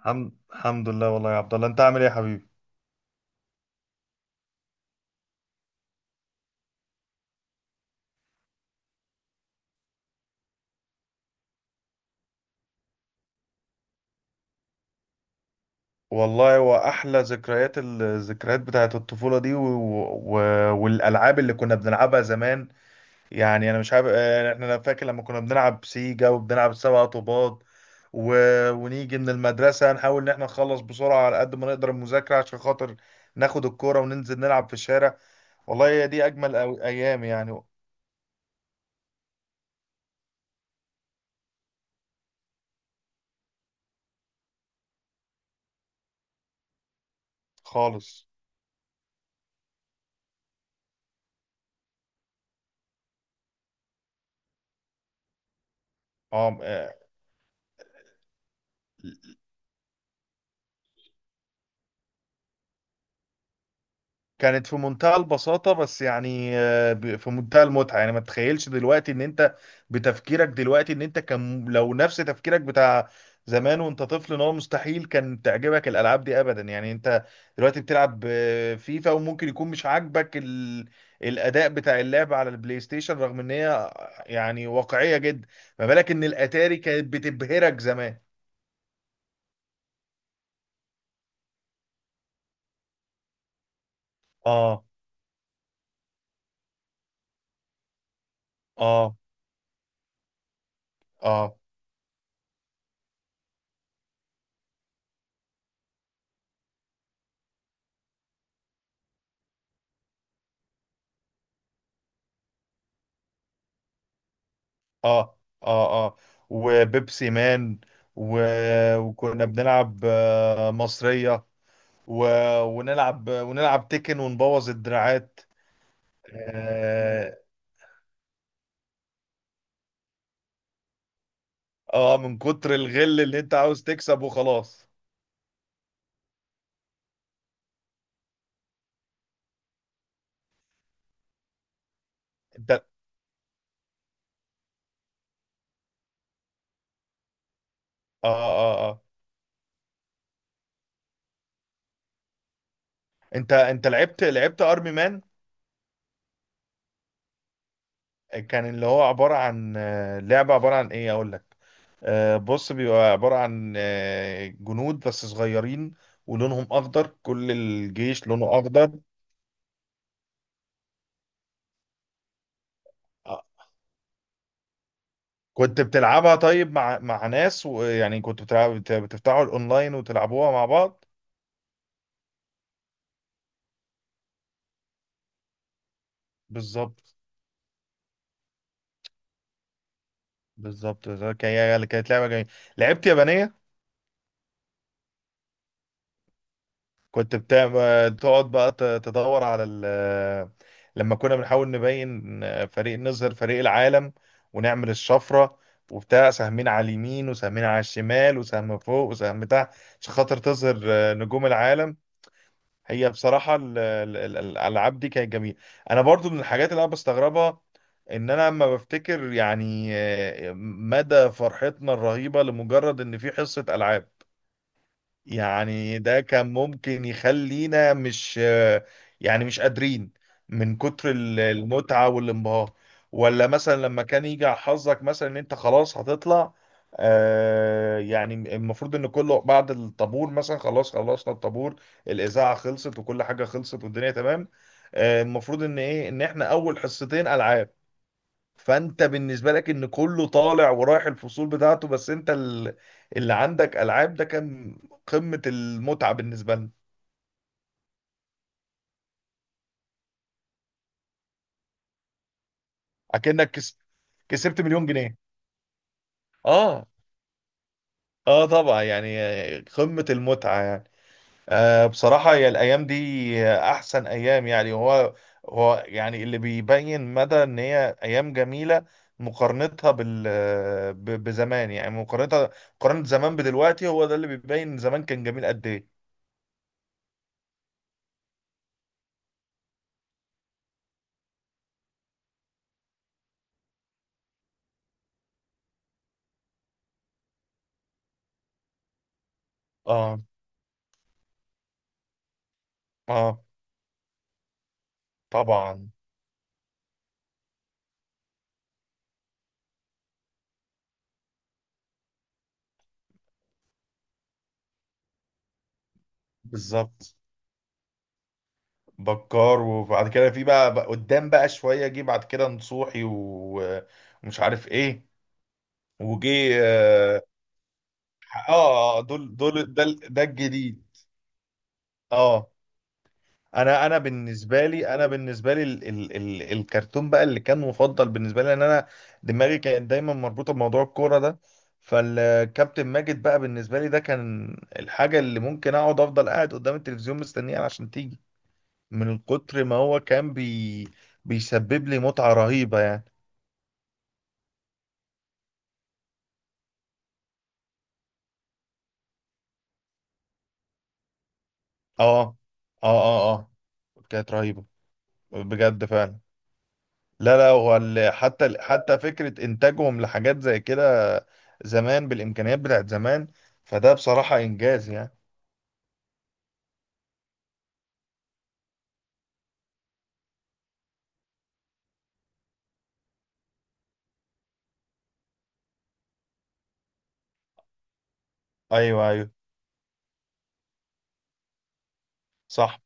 الحمد لله والله يا عبد الله، انت عامل ايه يا حبيبي؟ والله هو احلى ذكريات، بتاعت الطفوله دي و... والالعاب اللي كنا بنلعبها زمان. يعني انا مش عارف، انا فاكر لما كنا بنلعب سيجا وبنلعب سبع طوبات و... ونيجي من المدرسه نحاول ان احنا نخلص بسرعه على قد ما نقدر المذاكره عشان خاطر ناخد الكوره وننزل نلعب في الشارع. والله هي دي اجمل ايام يعني. خالص. اه، كانت في منتهى البساطة، بس يعني في منتهى المتعة. يعني ما تتخيلش دلوقتي ان انت بتفكيرك دلوقتي ان انت كان لو نفس تفكيرك بتاع زمان وانت طفل، ان هو مستحيل كان تعجبك الالعاب دي ابدا. يعني انت دلوقتي بتلعب فيفا وممكن يكون مش عاجبك الاداء بتاع اللعب على البلاي ستيشن، رغم ان هي يعني واقعية جدا. ما بالك ان الاتاري كانت بتبهرك زمان؟ اه اه اه اه. وبيبسي مان و... وكنا بنلعب مصرية و... ونلعب تيكن ونبوظ الدراعات. اه، آه، من كتر الغل اللي انت عاوز تكسب وخلاص. انت. اه. انت لعبت ارمي مان؟ كان اللي هو عبارة عن لعبة عبارة عن ايه اقول لك. بص، بيبقى عبارة عن جنود بس صغيرين ولونهم اخضر، كل الجيش لونه اخضر. كنت بتلعبها طيب مع ناس؟ ويعني كنت بتلعب بتفتحوا الاونلاين وتلعبوها مع بعض؟ بالظبط. بالظبط. هي اللي كانت لعبه جميله. لعبت يابانيه. تقعد بقى تدور على لما كنا بنحاول نبين فريق، نظهر فريق العالم، ونعمل الشفره وبتاع: سهمين على اليمين وسهمين على الشمال وسهم فوق وسهم تحت، عشان خاطر تظهر نجوم العالم. هي بصراحة الألعاب دي كانت جميلة. أنا برضو من الحاجات اللي أنا بستغربها إن أنا لما بفتكر يعني مدى فرحتنا الرهيبة لمجرد إن في حصة ألعاب. يعني ده كان ممكن يخلينا مش، يعني مش قادرين من كتر المتعة والانبهار. ولا مثلا لما كان يجي على حظك مثلا ان انت خلاص هتطلع. آه يعني المفروض ان كله بعد الطابور مثلا، خلاص خلصنا الطابور، الاذاعه خلصت وكل حاجه خلصت والدنيا تمام، آه المفروض ان ايه، ان احنا اول حصتين العاب. فانت بالنسبه لك ان كله طالع ورايح الفصول بتاعته، بس انت اللي عندك العاب، ده كان قمه المتعه بالنسبه لنا. اكنك كس- كسبت مليون جنيه. اه. اه طبعا يعني. قمه المتعه يعني. آه بصراحه هي الايام دي احسن ايام يعني. هو يعني اللي بيبين مدى ان هي ايام جميله مقارنتها بزمان. يعني مقارنه زمان بدلوقتي، هو ده اللي بيبين زمان كان جميل قد ايه. اه. اه طبعا. بالظبط. بكار. وبعد كده في بقى، بقى قدام بقى شويه، جه بعد كده نصوحي ومش عارف ايه، وجه. اه. دول ده الجديد. اه. انا، بالنسبه لي ال ال ال الكرتون بقى اللي كان مفضل بالنسبه لي، ان انا دماغي كانت دايما مربوطه بموضوع الكوره ده. فالكابتن ماجد بقى بالنسبه لي ده كان الحاجه اللي ممكن اقعد افضل قاعد قدام التلفزيون مستنيها عشان تيجي، من كتر ما هو كان بيسبب لي متعة رهيبة يعني. اه اه. كانت رهيبة بجد فعلا. لا لا، هو حتى حتى فكرة إنتاجهم لحاجات زي كده زمان بالإمكانيات بتاعت زمان، فده بصراحة إنجاز يعني. أيوه أيوه. صح.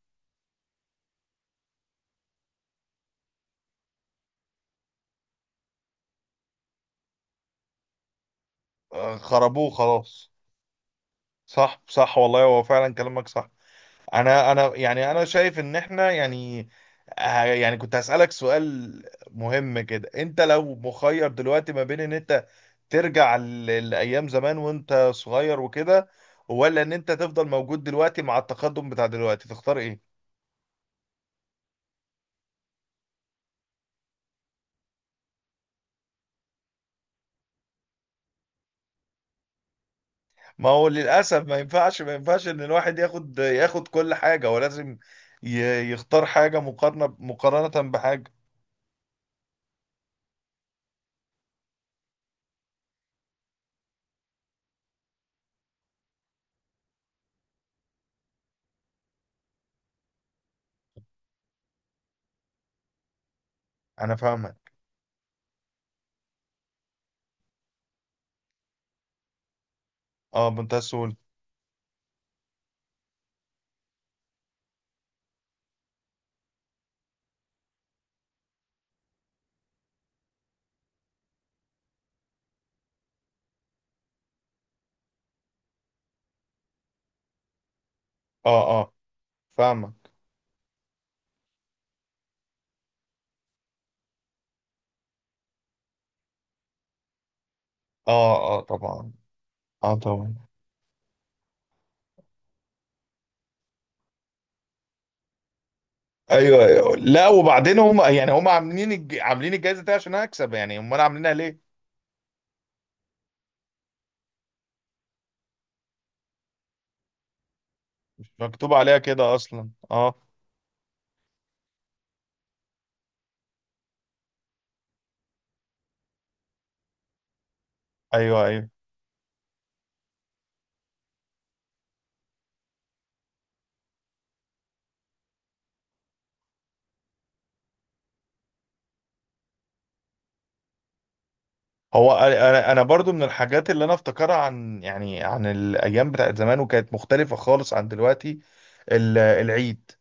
آه، خربوه خلاص. صح صح. والله هو فعلا كلامك صح. انا، شايف ان احنا يعني، يعني كنت هسألك سؤال مهم كده: انت لو مخير دلوقتي ما بين ان انت ترجع لأيام زمان وانت صغير وكده، ولا ان انت تفضل موجود دلوقتي مع التقدم بتاع دلوقتي، تختار ايه؟ ما هو للأسف ما ينفعش، ان الواحد ياخد، كل حاجة. هو لازم يختار حاجة مقارنة بحاجة. انا فاهمك. اه، بمنتهى السهولة. اه اه فاهمك. اه، اه طبعا. اه طبعا. ايوه أيوة. لا وبعدين هم يعني هم عاملين عاملين الجائزه دي عشان اكسب يعني، امال عاملينها ليه؟ مش مكتوب عليها كده اصلا، اه. ايوه ايوه. هو انا، انا أنا برضو من الحاجات اللي انا افتكرها عن يعني عن الايام بتاعت زمان وكانت مختلفه خالص عن دلوقتي: العيد.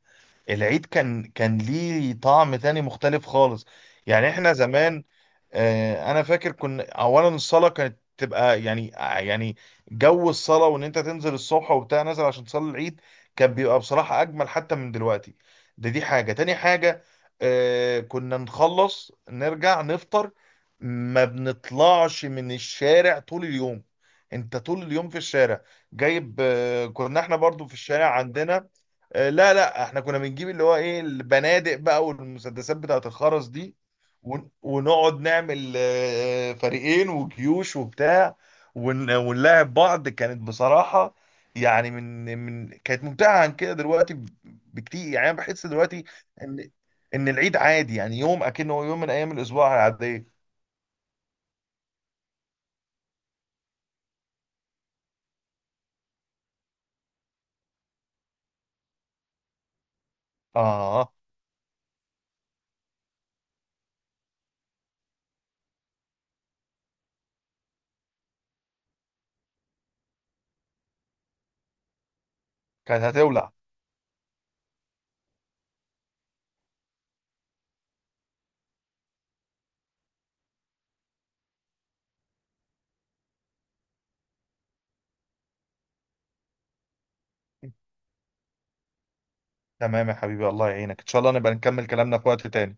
كان ليه طعم تاني مختلف خالص. يعني احنا زمان، انا فاكر كنا اولا الصلاه كانت تبقى يعني يعني جو الصلاه، وان انت تنزل الصبح وبتاع نازل عشان تصلي العيد، كان بيبقى بصراحه اجمل حتى من دلوقتي. دي حاجه، تاني حاجه كنا نخلص نرجع نفطر، ما بنطلعش من الشارع طول اليوم. انت طول اليوم في الشارع جايب، كنا احنا برضو في الشارع عندنا لا لا، احنا كنا بنجيب اللي هو ايه، البنادق بقى والمسدسات بتاعت الخرز دي، ونقعد نعمل فريقين وجيوش وبتاع، ونلاعب بعض. كانت بصراحة يعني من كانت ممتعة عن كده دلوقتي بكتير. يعني انا بحس دلوقتي ان العيد عادي، يعني يوم اكنه يوم من ايام الاسبوع العادية. اه. كانت هتولع. تمام يا حبيبي، الله يعينك، ان شاء الله نبقى نكمل كلامنا في وقت تاني.